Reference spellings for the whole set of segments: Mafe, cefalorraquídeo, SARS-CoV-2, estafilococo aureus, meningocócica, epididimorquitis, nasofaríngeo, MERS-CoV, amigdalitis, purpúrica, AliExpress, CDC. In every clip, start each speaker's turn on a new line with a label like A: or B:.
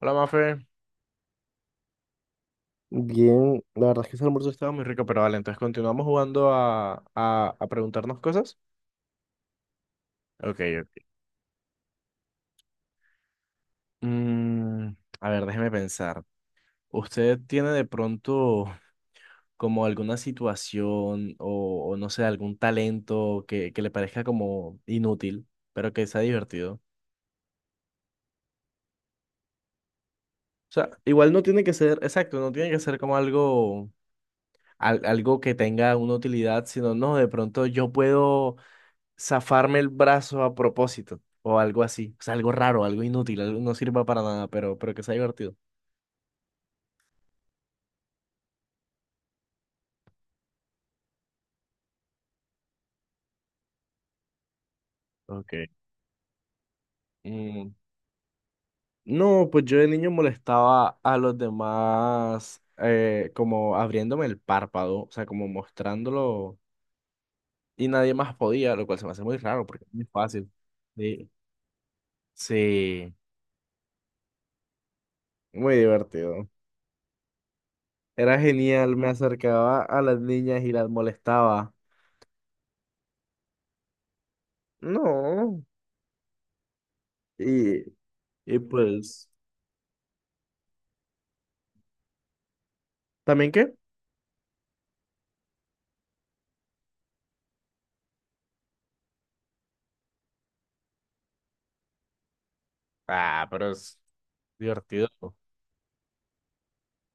A: Hola, Mafe. Bien, la verdad es que ese almuerzo estaba muy rico, pero vale, entonces continuamos jugando a preguntarnos cosas. Ok, ok. Mm, a ver, déjeme pensar. ¿Usted tiene de pronto como alguna situación o no sé, algún talento que le parezca como inútil, pero que sea divertido? O sea, igual no tiene que ser, exacto, no tiene que ser como algo, algo que tenga una utilidad, sino no, de pronto yo puedo zafarme el brazo a propósito o algo así. O sea, algo raro, algo inútil, algo no sirva para nada, pero que sea divertido. Ok. Mm, No, pues yo de niño molestaba a los demás como abriéndome el párpado, o sea, como mostrándolo y nadie más podía, lo cual se me hace muy raro porque es muy fácil. Sí, sí, muy divertido. Era genial, me acercaba a las niñas y las molestaba. No, y, y pues, ¿también qué? Ah, pero es divertido.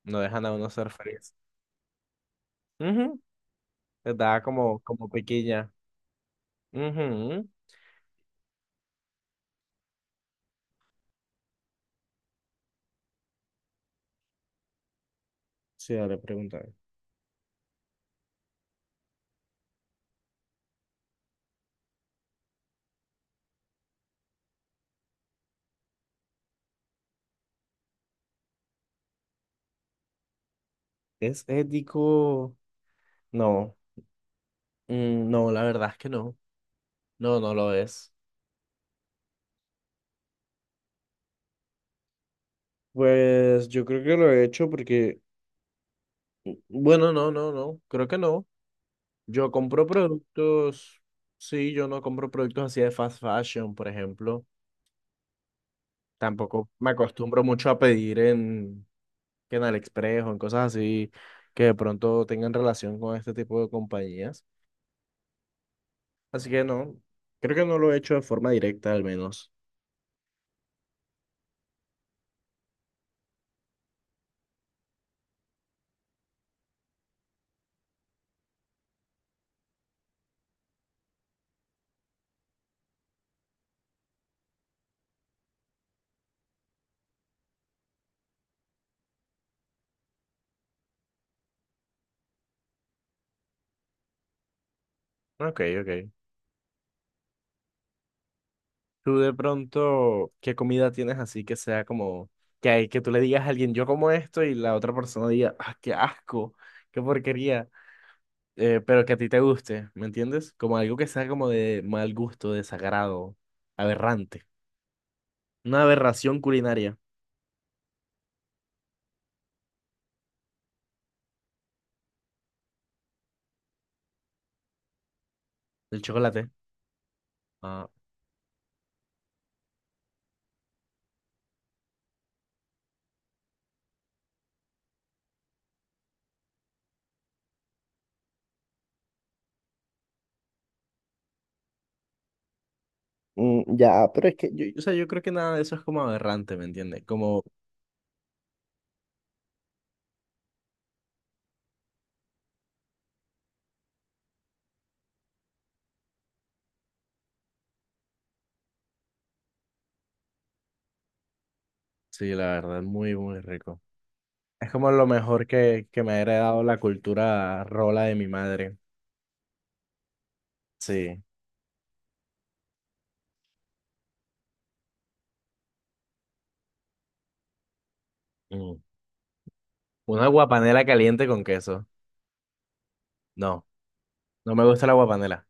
A: No dejan a uno ser feliz. Ujú, les da como, como pequeña. Ujú. Sí, le pregunta. ¿Es ético? No. No, la verdad es que no. No, no lo es. Pues yo creo que lo he hecho porque, bueno, no, no, no, creo que no. Yo compro productos, sí, yo no compro productos así de fast fashion, por ejemplo. Tampoco me acostumbro mucho a pedir en, que en AliExpress o en cosas así que de pronto tengan relación con este tipo de compañías. Así que no, creo que no lo he hecho de forma directa al menos. Ok, ok. Tú de pronto, ¿qué comida tienes así que sea como que hay que tú le digas a alguien yo como esto y la otra persona diga, ah, qué asco, qué porquería, pero que a ti te guste, ¿me entiendes? Como algo que sea como de mal gusto, desagrado, aberrante. Una aberración culinaria, el chocolate. Ya, pero es que yo, o sea, yo creo que nada de eso es como aberrante, ¿me entiendes? Como, sí, la verdad, muy, muy rico. Es como lo mejor que me ha heredado la cultura rola de mi madre. Sí. Mm. Una guapanela caliente con queso. No, no me gusta la guapanela.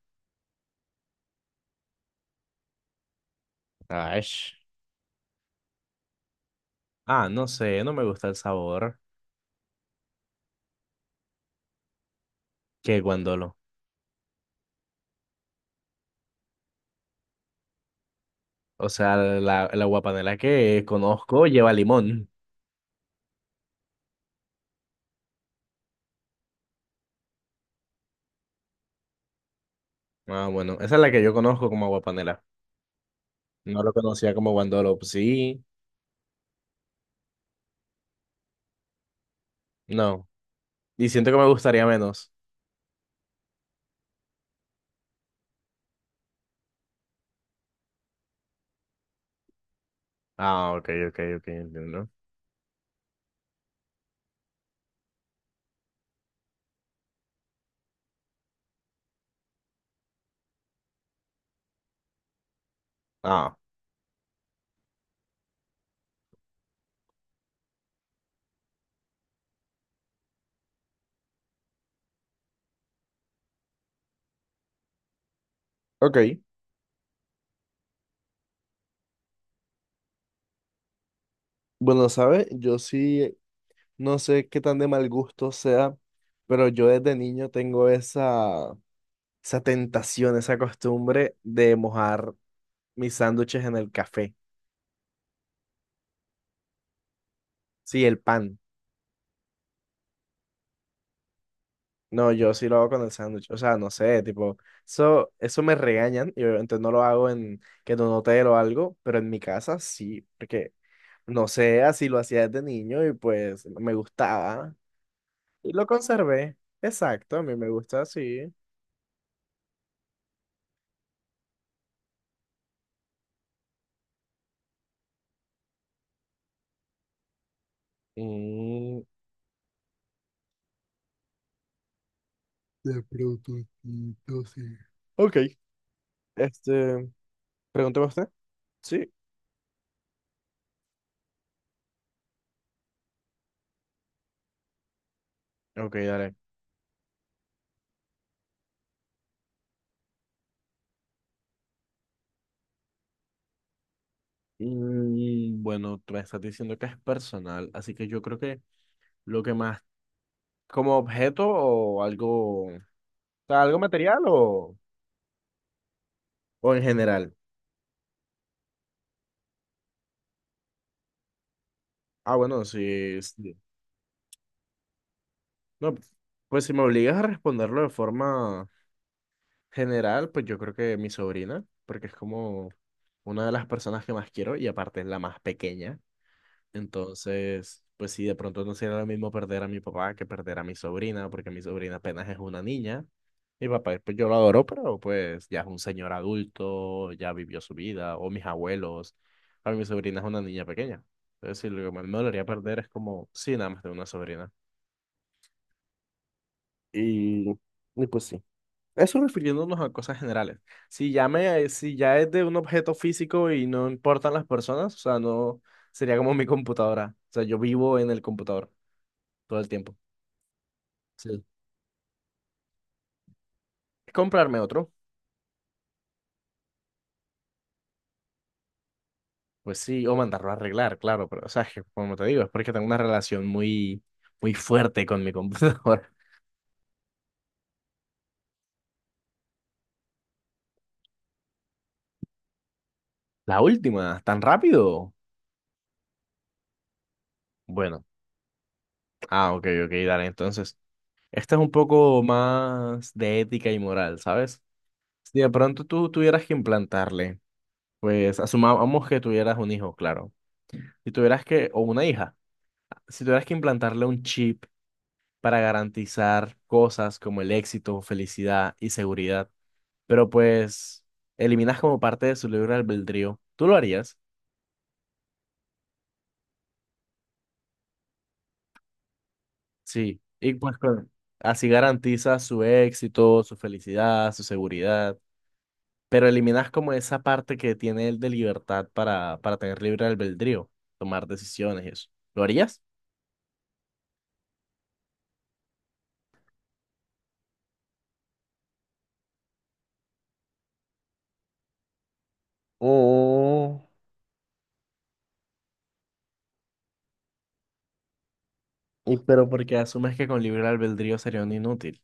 A: Ay. Ah, no sé, no me gusta el sabor que guandolo. O sea, la guapanela que conozco lleva limón. Ah, bueno, esa es la que yo conozco como guapanela. No lo conocía como guandolo. Pues sí, no. Y siento que me gustaría menos. Ah, ok, ok, ok, entiendo. Ah, ok. Bueno, ¿sabes? Yo sí, no sé qué tan de mal gusto sea, pero yo desde niño tengo esa, esa tentación, esa costumbre de mojar mis sándwiches en el café. Sí, el pan. No, yo sí lo hago con el sándwich. O sea, no sé, tipo, eso me regañan y obviamente no lo hago en que en un hotel o algo, pero en mi casa sí, porque no sé, así lo hacía desde niño y pues me gustaba. Y lo conservé. Exacto, a mí me gusta así. Mm, de prototito, sí. Ok, este, pregúnteme usted. Sí. Ok, dale. Bueno, tú me estás diciendo que es personal, así que yo creo que lo que más, como objeto o algo, o sea, algo material o en general. Ah, bueno, sí, sí. No, pues si me obligas a responderlo de forma general, pues yo creo que mi sobrina, porque es como una de las personas que más quiero y aparte es la más pequeña. Entonces, pues sí, de pronto no sería lo mismo perder a mi papá que perder a mi sobrina, porque mi sobrina apenas es una niña. Mi papá, pues yo lo adoro, pero pues ya es un señor adulto, ya vivió su vida, o mis abuelos. A mi sobrina es una niña pequeña. Entonces, sí, lo que más me dolería perder es como, sí, nada más de una sobrina. Y, y pues sí. Eso refiriéndonos a cosas generales. Si ya me, si ya es de un objeto físico y no importan las personas, o sea, no sería como mi computadora. O sea, yo vivo en el computador todo el tiempo. Sí. Comprarme otro, pues sí, o mandarlo a arreglar, claro, pero o sea, es que, como te digo, es porque tengo una relación muy, muy fuerte con mi computadora. La última, tan rápido. Bueno, ah, ok, ok, dale, entonces. Esta es un poco más de ética y moral, ¿sabes? Si de pronto tú tuvieras que implantarle, pues asumamos que tuvieras un hijo, claro. Si tuvieras que, o una hija, si tuvieras que implantarle un chip para garantizar cosas como el éxito, felicidad y seguridad, pero pues eliminas como parte de su libre albedrío, ¿tú lo harías? Sí. Así garantizas su éxito, su felicidad, su seguridad, pero eliminas como esa parte que tiene él de libertad para tener libre albedrío, tomar decisiones y eso. ¿Lo harías? Y pero porque asumes que con libre albedrío sería un inútil.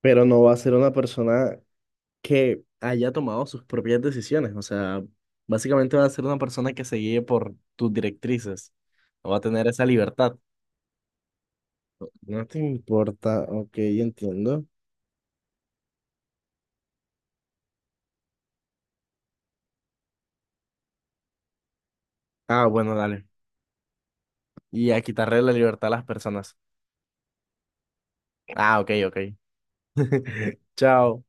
A: Pero no va a ser una persona que haya tomado sus propias decisiones. O sea, básicamente va a ser una persona que se guíe por tus directrices. No va a tener esa libertad. No te importa, ok, entiendo. Ah, bueno, dale. Y a quitarle la libertad a las personas. Ah, ok, ok. Chao.